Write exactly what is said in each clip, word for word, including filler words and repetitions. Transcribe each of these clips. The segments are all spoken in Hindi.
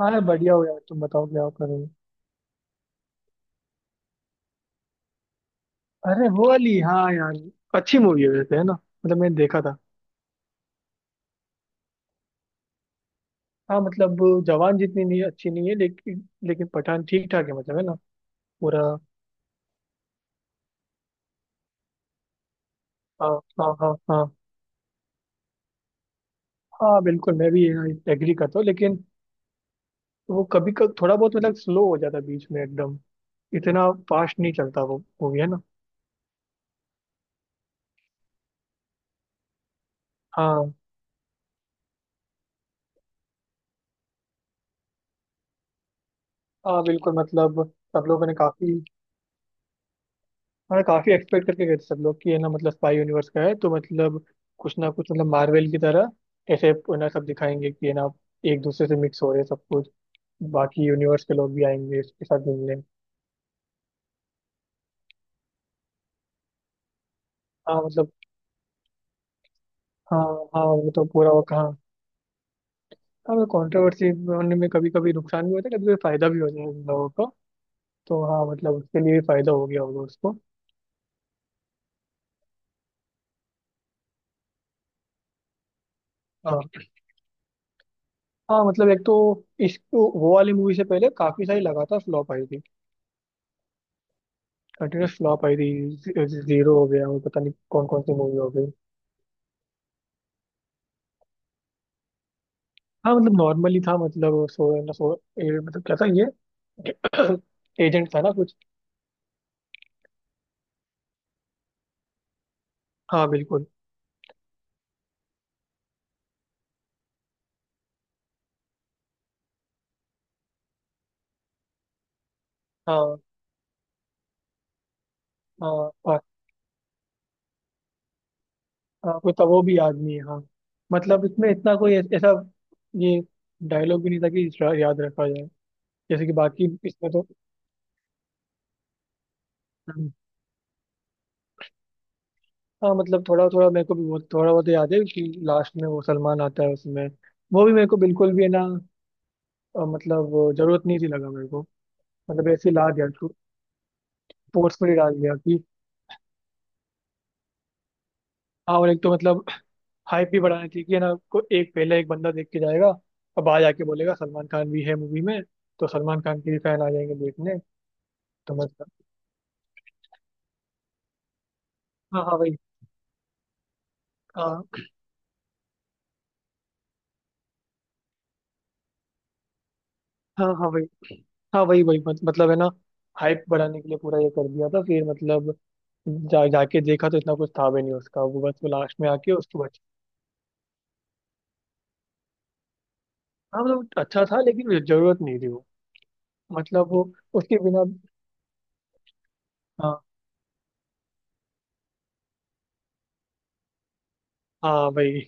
हाँ यार, बढ़िया हो। यार तुम बताओ क्या कर रहे हो। अरे वो वाली, हाँ यार अच्छी मूवी है वैसे, है ना। मतलब मैंने देखा था। हाँ मतलब जवान जितनी नहीं, अच्छी नहीं है लेकिन लेकिन पठान ठीक ठाक है मतलब, है ना पूरा। हाँ हाँ हाँ। हाँ, हाँ बिल्कुल। मैं भी एग्री करता हूँ, लेकिन वो कभी कभी थोड़ा बहुत मतलब स्लो हो जाता है बीच में। एकदम इतना फास्ट नहीं चलता वो, मूवी है ना। हाँ, हाँ बिल्कुल मतलब सब लोगों ने काफी, हाँ काफी एक्सपेक्ट करके गए थे सब लोग कि ये ना, मतलब स्पाई यूनिवर्स का है तो मतलब कुछ ना कुछ मतलब मार्वल की तरह ऐसे ना सब दिखाएंगे कि ये ना एक दूसरे से मिक्स हो रहे हैं सब कुछ। बाकी यूनिवर्स के लोग भी आएंगे इसके साथ मिलने। हाँ मतलब। हाँ हाँ वो तो पूरा वो कहाँ। हाँ कॉन्ट्रोवर्सी होने में कभी कभी नुकसान भी होता है, कभी कभी फायदा भी हो जाए उन लोगों को। तो हाँ मतलब उसके लिए भी फायदा हो गया होगा उसको। हाँ। हाँ मतलब एक तो इस वो वाली मूवी से पहले काफी सारी लगातार फ्लॉप आई थी। कंटिन्यूस फ्लॉप आई थी। जीरो हो गया और पता नहीं कौन कौन सी मूवी हो गई। हाँ मतलब नॉर्मली था, मतलब सो ना सो, ए, मतलब क्या था ये एजेंट था ना कुछ। हाँ बिल्कुल। हाँ हाँ पा- हाँ कुछ था, वो भी आदमी है हाँ। मतलब इसमें इतना कोई ऐ- ऐसा ये डायलॉग भी नहीं था कि इसका याद रखा जाए जैसे कि बाकी इसमें तो। हम्म, हाँ मतलब थोड़ा थोड़ा मेरे को भी, बहुत थोड़ा बहुत याद है कि लास्ट में वो सलमान आता है उसमें। वो भी मेरे को बिल्कुल भी है ना, अ, मतलब वो जरूरत नहीं थी लगा मेरे को। मतलब ऐसे ही ला दिया उसको, फोर्स में ही डाल दिया कि। हाँ, और एक तो मतलब हाइप भी बढ़ानी चाहिए कि, है ना, को एक पहले एक बंदा देख के जाएगा और बाहर जाके बोलेगा सलमान खान भी है मूवी में, तो सलमान खान के भी फैन आ जाएंगे देखने। तो मतलब हाँ हाँ वही। हाँ। हाँ हाँ वही। हाँ वही वही मत, मतलब है ना हाइप बढ़ाने के लिए पूरा ये कर दिया था। फिर मतलब जा जाके देखा तो इतना कुछ था भी नहीं उसका। वो बस वो लास्ट में आके उसको बच। हाँ मतलब अच्छा था लेकिन जरूरत नहीं थी वो, मतलब वो उसके बिना। हाँ। हाँ भाई,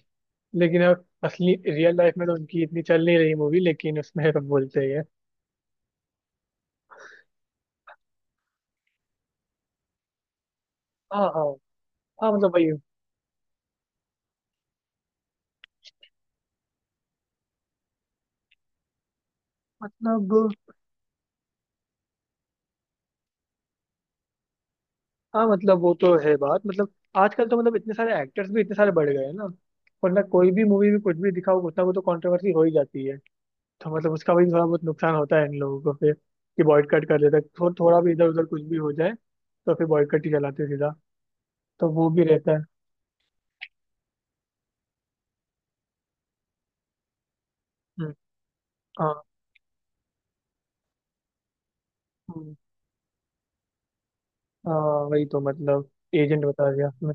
लेकिन अब असली रियल लाइफ में तो उनकी इतनी चल नहीं रही मूवी, लेकिन उसमें तो बोलते ही है। हाँ हाँ। हाँ मतलब भाई मतलब, हाँ मतलब वो तो है बात। मतलब आजकल तो मतलब इतने सारे एक्टर्स भी इतने सारे बढ़ गए हैं ना, वरना कोई भी मूवी में कुछ भी दिखाओ कुछ ना कुछ तो कंट्रोवर्सी हो ही जाती है। तो मतलब उसका भी थोड़ा बहुत नुकसान होता है इन लोगों को फिर, कि बॉयकट कर देता है। थो, थोड़ा भी इधर उधर कुछ भी हो जाए तो फिर बॉयकट ही चलाते हैं सीधा, तो वो भी रहता है। हम्म, हाँ। हम्म, हाँ वही तो मतलब एजेंट बता दिया। हम्म।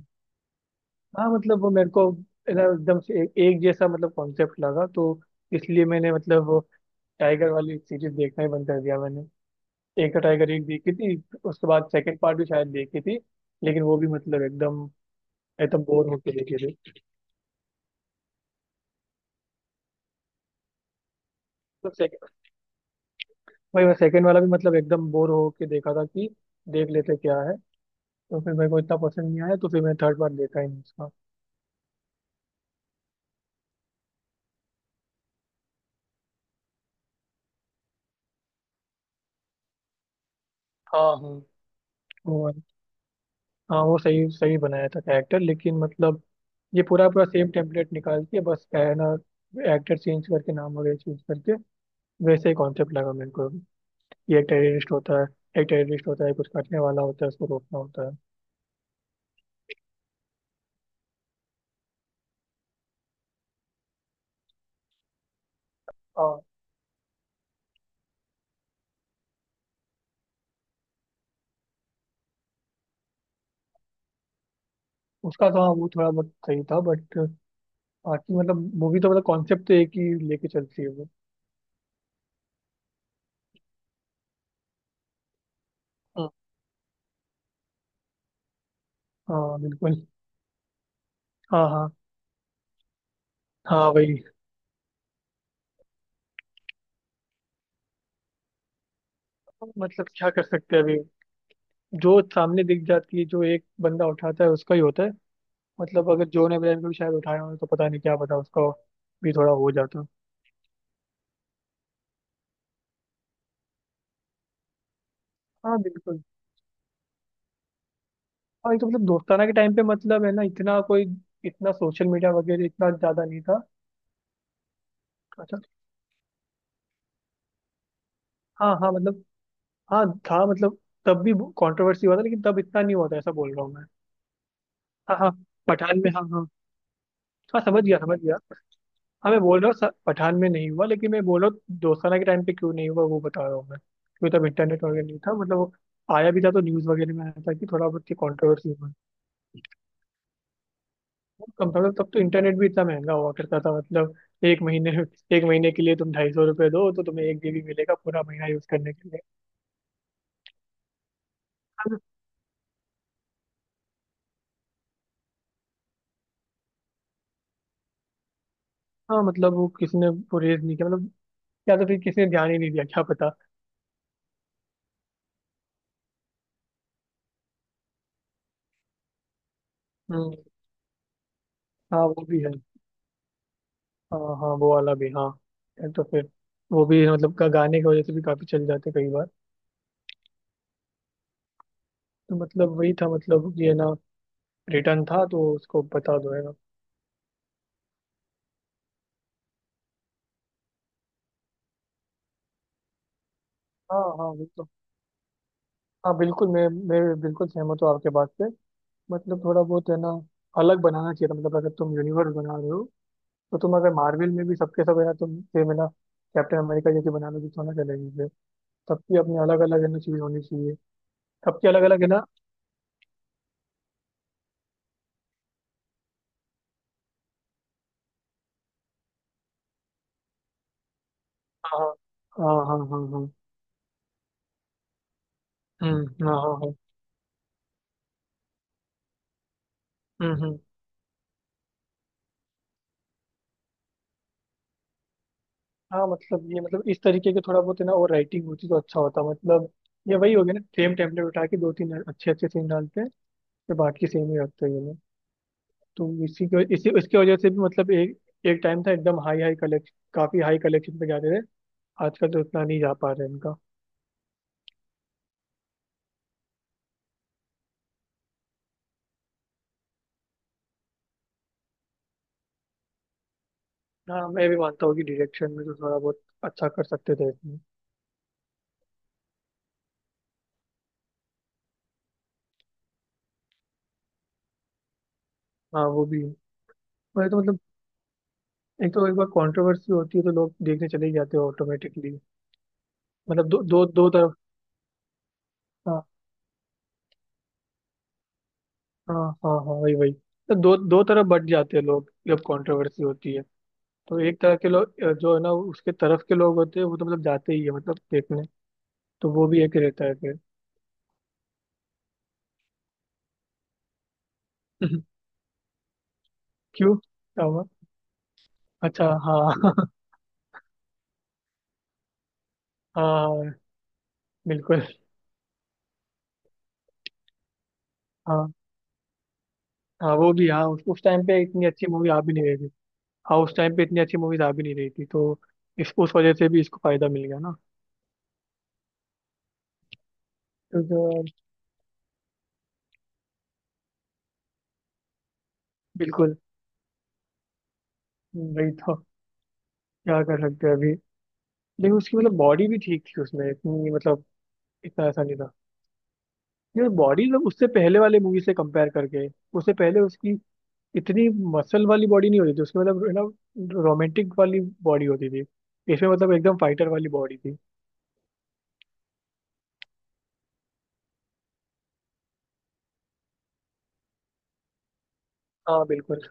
हाँ मतलब वो मेरे को है ना एकदम से एक, एक जैसा मतलब कॉन्सेप्ट लगा, तो इसलिए मैंने मतलब वो टाइगर वाली सीरीज देखना ही बंद कर दिया मैंने। एक तो टाइगर एक देखी थी, उसके बाद सेकंड पार्ट भी शायद देखी थी, लेकिन वो भी मतलब एकदम एकदम बोर होके देखी थी। तो सेकंड भाई, मैं सेकंड वाला भी मतलब एकदम बोर होके देखा था कि देख लेते क्या है। तो फिर मेरे को इतना पसंद नहीं आया, तो फिर मैंने थर्ड पार्ट देखा ही नहीं उसका। हाँ। हाँ हाँ वो सही सही बनाया था कैरेक्टर, लेकिन मतलब ये पूरा पूरा सेम टेम्पलेट निकालती है बस, है ना, एक्टर चेंज करके नाम वगैरह चेंज करके। वैसे ही कॉन्सेप्ट लगा मेरे को भी। ये एक टेररिस्ट होता है, एक टेररिस्ट होता है कुछ करने वाला होता है, उसको रोकना होता है। हाँ उसका तो, हाँ वो थोड़ा बहुत सही था, बट बाकी मतलब मूवी तो, मतलब कॉन्सेप्ट तो एक ही लेके चलती है वो। हम्म, हाँ बिल्कुल। हाँ हाँ। हाँ वही मतलब क्या कर सकते हैं अभी। जो सामने दिख जाती है, जो एक बंदा उठाता है उसका ही होता है। मतलब अगर जोन अब्राहम को भी शायद उठाए हों तो पता नहीं, क्या पता उसका भी थोड़ा हो जाता। हाँ बिल्कुल। और ये तो मतलब दोस्ताना के टाइम पे मतलब, है ना, इतना कोई इतना सोशल मीडिया वगैरह इतना ज्यादा नहीं था। अच्छा। हाँ हाँ मतलब हाँ था मतलब तब भी कंट्रोवर्सी हुआ था, लेकिन तब इतना नहीं हुआ था ऐसा बोल रहा हूँ मैं। हाँ हाँ पठान में हाँ हाँ। हाँ समझ गया समझ गया। हाँ मैं बोल रहा हूँ स- पठान में नहीं हुआ लेकिन मैं बोल रहा हूँ दोस्ताना के टाइम पे क्यों नहीं हुआ वो बता रहा हूँ मैं, क्योंकि तब इंटरनेट वगैरह नहीं था मतलब वो आया भी था तो न्यूज़ वगैरह में आया था कि थोड़ा बहुत कंट्रोवर्सी। कंप्यूटर तब तो इंटरनेट भी इतना महंगा हुआ करता था मतलब एक महीने, एक महीने के लिए तुम ढाई सौ रुपये दो तो तुम्हें एक जी बी मिलेगा पूरा महीना यूज करने के लिए। हाँ। हाँ, मतलब वो किसने वो रेज नहीं किया मतलब, या तो फिर किसी ने ध्यान ही नहीं दिया क्या पता। हम्म। हाँ वो भी है। हाँ हाँ वो वाला भी हाँ है, तो फिर वो भी मतलब का गाने की वजह से भी काफी चल जाते कई बार। तो मतलब वही था मतलब ये ना रिटर्न था, तो उसको बता दो है ना। हाँ हाँ बिल्कुल। हाँ बिल्कुल, मैं मैं बिल्कुल सहमत हूँ आपके बात से। मतलब थोड़ा बहुत है ना अलग बनाना चाहिए था। मतलब अगर तुम यूनिवर्स बना रहे हो तो तुम अगर मार्वल में भी सबके सब, है ना, तुम सेम, है ना, कैप्टन अमेरिका जैसे बना लोगे तो ना चलेगी फिर। सबकी अपनी अलग अलग है ना चीज होनी चाहिए, सबकी अलग अलग है ना। हाँ हाँ हाँ हाँ हाँ हाँ। हम्म, हाँ हाँ हाँ। हम्म हम्म। हाँ मतलब ये मतलब इस तरीके के थोड़ा बहुत है ना और राइटिंग होती तो अच्छा होता मतलब। ये वही हो गया ना, सेम टेम्पलेट उठा के दो तीन अच्छे अच्छे सीन डालते हैं, फिर बाकी सेम ही रखते हैं ये लोग। तो इसी के इसी इसकी वजह से भी मतलब एक, एक टाइम था एकदम हाई हाई कलेक्शन, काफी हाई कलेक्शन पे जाते थे। आजकल तो उतना नहीं जा पा रहे इनका। हाँ मैं भी मानता हूँ कि डायरेक्शन में तो थोड़ा बहुत अच्छा कर सकते थे इसमें। हाँ वो भी है। वही तो मतलब एक तो एक बार कंट्रोवर्सी होती है तो लोग देखने चले ही जाते हैं ऑटोमेटिकली। मतलब दो दो दो तरफ। हाँ हाँ हाँ। हाँ वही वही तो दो दो तरफ बट जाते हैं लोग जब कंट्रोवर्सी होती है। तो एक तरह के लोग, अ, जो है ना उसके तरफ के लोग होते हैं वो तो मतलब जाते ही है मतलब देखने, तो वो भी एक रहता है फिर। क्यों, क्या हुआ। अच्छा हाँ। हाँ बिल्कुल। हाँ हाँ वो भी हाँ उस, उस टाइम पे इतनी अच्छी मूवी आ भी नहीं रही थी। हाँ उस टाइम पे इतनी अच्छी मूवीज आ भी नहीं रही थी तो इस उस वजह से भी इसको फायदा मिल गया ना। तो, तो बिल्कुल। वही तो क्या कर सकते हैं अभी। लेकिन उसकी मतलब बॉडी भी ठीक थी उसमें इतनी मतलब, इतना ऐसा नहीं था। ये बॉडी मतलब उससे पहले वाले मूवी से कंपेयर करके, उससे पहले उसकी इतनी मसल वाली बॉडी नहीं होती थी उसकी, मतलब है ना, रोमांटिक वाली बॉडी होती थी। इसमें मतलब एकदम फाइटर वाली बॉडी थी। हाँ बिल्कुल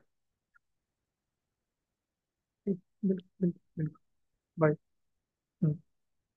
बिल्कुल बिल्कुल। बिल्कुल, बाय। हम्म।